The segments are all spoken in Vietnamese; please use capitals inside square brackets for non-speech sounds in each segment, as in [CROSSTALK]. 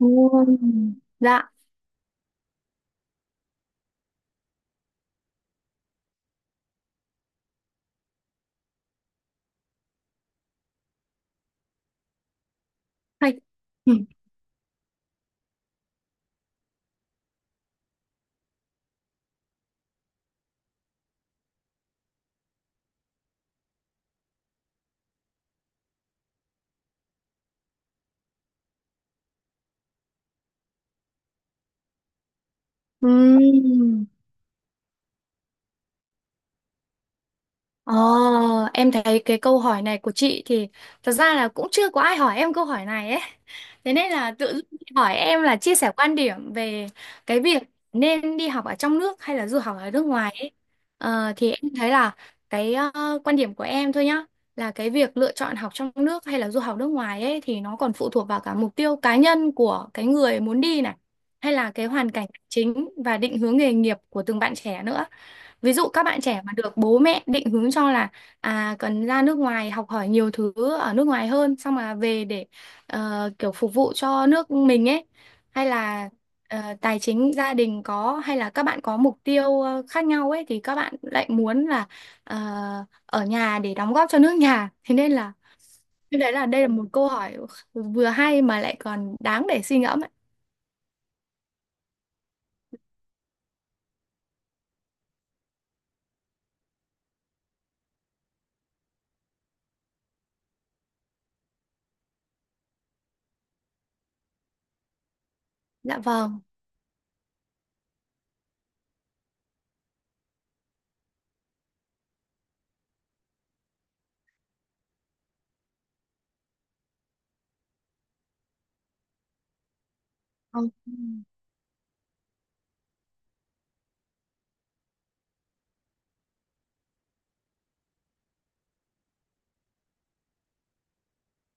Ồ, dạ hay. Ừm, Ờ, em thấy cái câu hỏi này của chị thì thật ra là cũng chưa có ai hỏi em câu hỏi này ấy. Thế nên là tự dưng chị hỏi em là chia sẻ quan điểm về cái việc nên đi học ở trong nước hay là du học ở nước ngoài ấy. Thì em thấy là cái quan điểm của em thôi nhá, là cái việc lựa chọn học trong nước hay là du học nước ngoài ấy thì nó còn phụ thuộc vào cả mục tiêu cá nhân của cái người muốn đi này, hay là cái hoàn cảnh chính và định hướng nghề nghiệp của từng bạn trẻ nữa. Ví dụ các bạn trẻ mà được bố mẹ định hướng cho là cần ra nước ngoài học hỏi nhiều thứ ở nước ngoài hơn xong mà về để kiểu phục vụ cho nước mình ấy, hay là tài chính gia đình có, hay là các bạn có mục tiêu khác nhau ấy thì các bạn lại muốn là ờ, ở nhà để đóng góp cho nước nhà. [LAUGHS] Thế nên là như đấy là đây là một câu hỏi vừa hay mà lại còn đáng để suy ngẫm ấy. Dạ vâng. Ừ.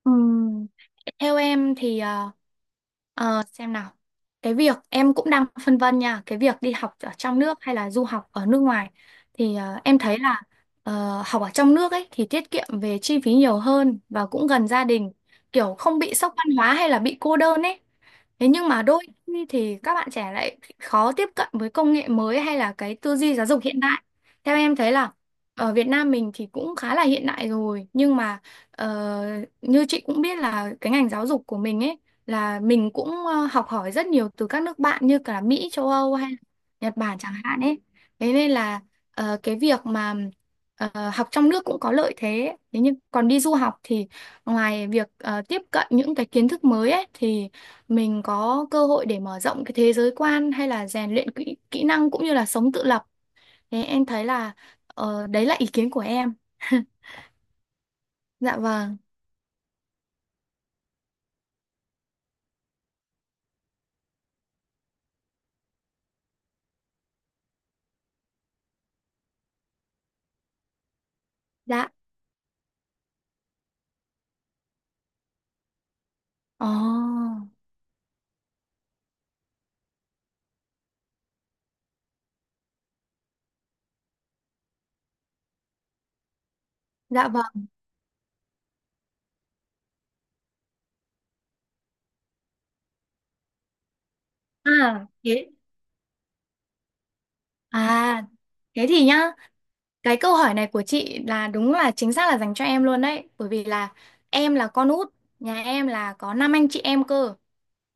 Ừm, Theo em thì xem nào. Cái việc em cũng đang phân vân nha, cái việc đi học ở trong nước hay là du học ở nước ngoài thì em thấy là học ở trong nước ấy thì tiết kiệm về chi phí nhiều hơn và cũng gần gia đình, kiểu không bị sốc văn hóa hay là bị cô đơn ấy. Thế nhưng mà đôi khi thì các bạn trẻ lại khó tiếp cận với công nghệ mới hay là cái tư duy giáo dục hiện đại. Theo em thấy là ở Việt Nam mình thì cũng khá là hiện đại rồi, nhưng mà Ờ, như chị cũng biết là cái ngành giáo dục của mình ấy là mình cũng học hỏi rất nhiều từ các nước bạn như cả Mỹ, châu Âu hay là Nhật Bản chẳng hạn ấy. Thế nên là cái việc mà học trong nước cũng có lợi thế. Thế nhưng còn đi du học thì ngoài việc tiếp cận những cái kiến thức mới ấy thì mình có cơ hội để mở rộng cái thế giới quan hay là rèn luyện kỹ năng cũng như là sống tự lập. Thế em thấy là đấy là ý kiến của em. [LAUGHS] Dạ vâng. Dạ. Ồ, dạ vâng. À, à, thế thì nhá, cái câu hỏi này của chị là đúng là chính xác là dành cho em luôn đấy, bởi vì là em là con út, nhà em là có năm anh chị em cơ.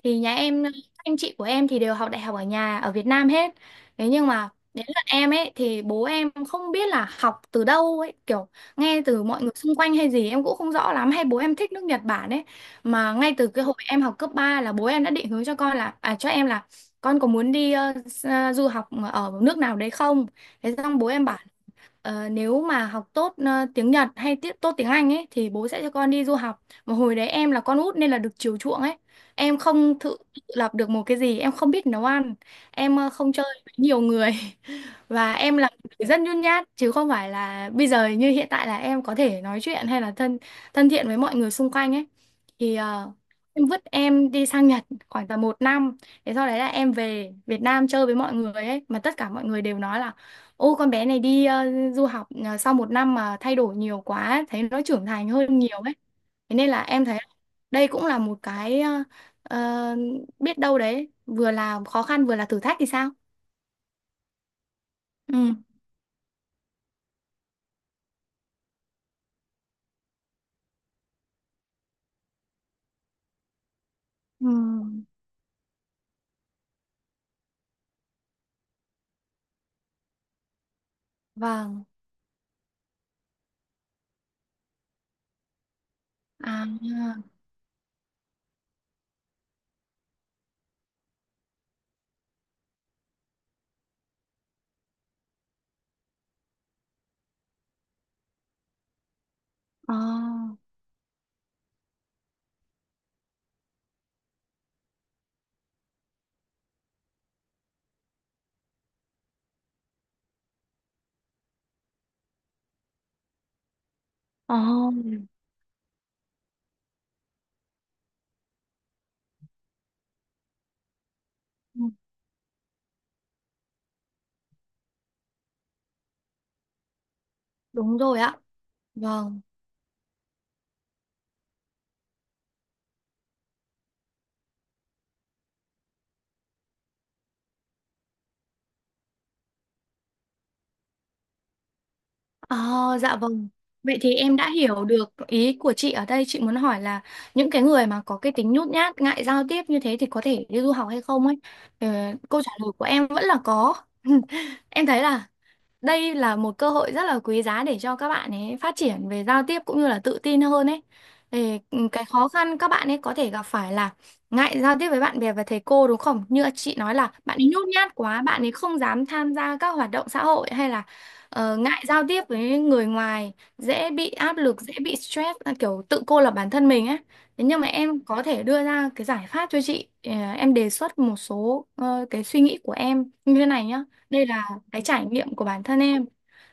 Thì nhà em các anh chị của em thì đều học đại học ở nhà ở Việt Nam hết, thế nhưng mà đến lượt em ấy thì bố em không biết là học từ đâu ấy, kiểu nghe từ mọi người xung quanh hay gì em cũng không rõ lắm, hay bố em thích nước Nhật Bản ấy, mà ngay từ cái hồi em học cấp 3 là bố em đã định hướng cho con là cho em là con có muốn đi du học ở nước nào đấy không. Thế xong bố em bảo nếu mà học tốt tiếng Nhật hay tiết tốt tiếng Anh ấy thì bố sẽ cho con đi du học. Mà hồi đấy em là con út nên là được chiều chuộng ấy. Em không tự tự lập được một cái gì, em không biết nấu ăn, em không chơi với nhiều người, và em là một người rất nhút nhát chứ không phải là bây giờ như hiện tại là em có thể nói chuyện hay là thân thân thiện với mọi người xung quanh ấy. Thì em vứt em đi sang Nhật khoảng tầm một năm, thế sau đấy là em về Việt Nam chơi với mọi người ấy mà tất cả mọi người đều nói là ô con bé này đi du học sau một năm mà thay đổi nhiều quá, thấy nó trưởng thành hơn nhiều ấy. Thế nên là em thấy đây cũng là một cái ờ, biết đâu đấy, vừa là khó khăn vừa là thử thách thì sao? Ừ. Ừ. Vâng. À, ờ, ờ, ừ, đúng rồi ạ. Vâng. Ờ, dạ vâng. Vậy thì em đã hiểu được ý của chị ở đây. Chị muốn hỏi là những cái người mà có cái tính nhút nhát, ngại giao tiếp như thế thì có thể đi du học hay không ấy. Ờ, câu trả lời của em vẫn là có. [LAUGHS] Em thấy là đây là một cơ hội rất là quý giá để cho các bạn ấy phát triển về giao tiếp cũng như là tự tin hơn ấy. Thì cái khó khăn các bạn ấy có thể gặp phải là ngại giao tiếp với bạn bè và thầy cô, đúng không? Như chị nói là bạn ấy nhút nhát quá, bạn ấy không dám tham gia các hoạt động xã hội hay là ngại giao tiếp với người ngoài, dễ bị áp lực, dễ bị stress, kiểu tự cô lập bản thân mình ấy. Thế nhưng mà em có thể đưa ra cái giải pháp cho chị. Ờ, Em đề xuất một số cái suy nghĩ của em như thế này nhá. Đây là cái trải nghiệm của bản thân em,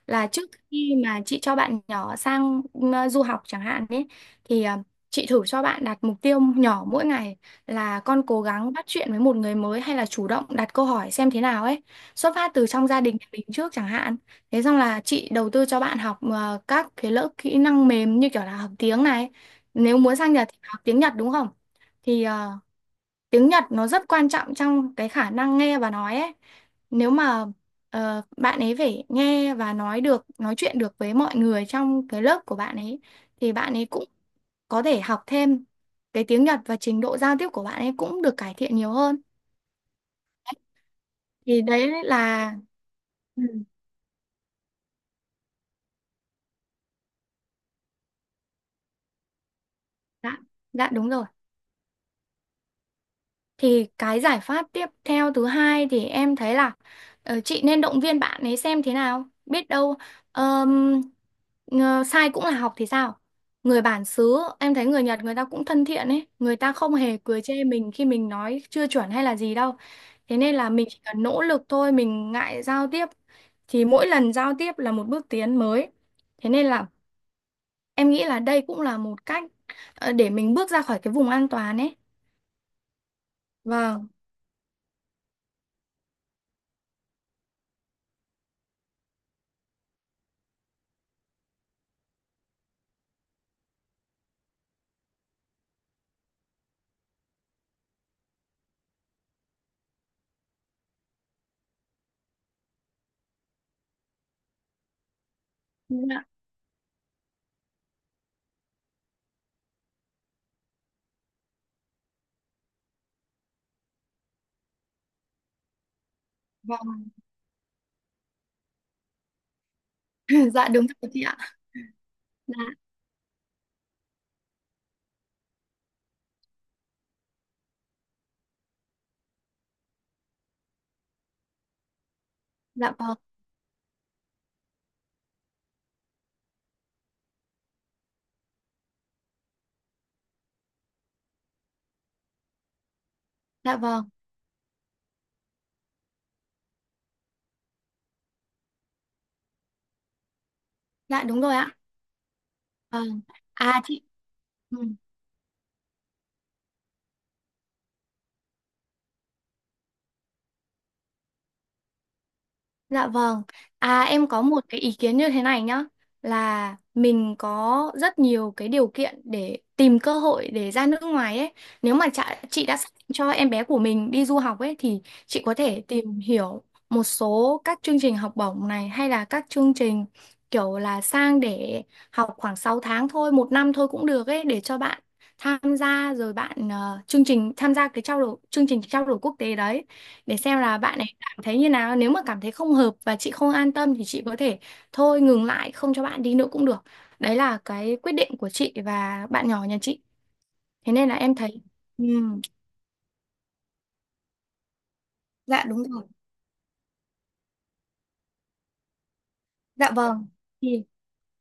là trước khi mà chị cho bạn nhỏ sang du học chẳng hạn ấy thì chị thử cho bạn đặt mục tiêu nhỏ mỗi ngày, là con cố gắng bắt chuyện với một người mới hay là chủ động đặt câu hỏi xem thế nào ấy, xuất phát từ trong gia đình nhà mình trước chẳng hạn. Thế xong là chị đầu tư cho bạn học các cái lớp kỹ năng mềm như kiểu là học tiếng này, nếu muốn sang Nhật thì học tiếng Nhật, đúng không? Thì tiếng Nhật nó rất quan trọng trong cái khả năng nghe và nói ấy. Nếu mà bạn ấy phải nghe và nói được, nói chuyện được với mọi người trong cái lớp của bạn ấy thì bạn ấy cũng có thể học thêm cái tiếng Nhật, và trình độ giao tiếp của bạn ấy cũng được cải thiện nhiều hơn. Thì đấy là Ừ. Dạ, dạ đúng rồi. Thì cái giải pháp tiếp theo thứ hai thì em thấy là chị nên động viên bạn ấy xem thế nào. Biết đâu ờm, sai cũng là học thì sao? Người bản xứ, em thấy người Nhật người ta cũng thân thiện ấy. Người ta không hề cười chê mình khi mình nói chưa chuẩn hay là gì đâu. Thế nên là mình chỉ cần nỗ lực thôi, mình ngại giao tiếp thì mỗi lần giao tiếp là một bước tiến mới. Thế nên là em nghĩ là đây cũng là một cách để mình bước ra khỏi cái vùng an toàn ấy. Vâng. Vâng. [LAUGHS] Dạ đúng rồi chị ạ. Dạ, dạ vâng. Dạ vâng. Dạ đúng rồi ạ. Vâng. À chị. Ừ. Dạ vâng. À em có một cái ý kiến như thế này nhá, là mình có rất nhiều cái điều kiện để tìm cơ hội để ra nước ngoài ấy. Nếu mà chị đã xác định cho em bé của mình đi du học ấy thì chị có thể tìm hiểu một số các chương trình học bổng này, hay là các chương trình kiểu là sang để học khoảng 6 tháng thôi, một năm thôi cũng được ấy, để cho bạn tham gia, rồi bạn chương trình tham gia cái trao đổi, chương trình trao đổi quốc tế đấy, để xem là bạn ấy thấy như nào. Nếu mà cảm thấy không hợp và chị không an tâm thì chị có thể thôi, ngừng lại không cho bạn đi nữa cũng được. Đấy là cái quyết định của chị và bạn nhỏ nhà chị. Thế nên là em thấy ừm, dạ đúng rồi. Dạ vâng. Thì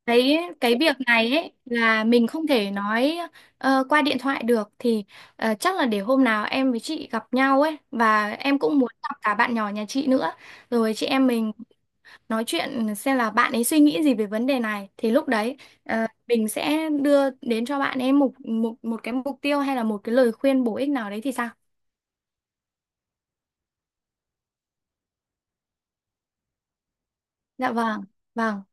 cái việc này ấy là mình không thể nói qua điện thoại được, thì chắc là để hôm nào em với chị gặp nhau ấy, và em cũng muốn gặp cả bạn nhỏ nhà chị nữa, rồi chị em mình nói chuyện xem là bạn ấy suy nghĩ gì về vấn đề này, thì lúc đấy mình sẽ đưa đến cho bạn ấy một một một cái mục tiêu hay là một cái lời khuyên bổ ích nào đấy thì sao? Dạ vâng, vâng.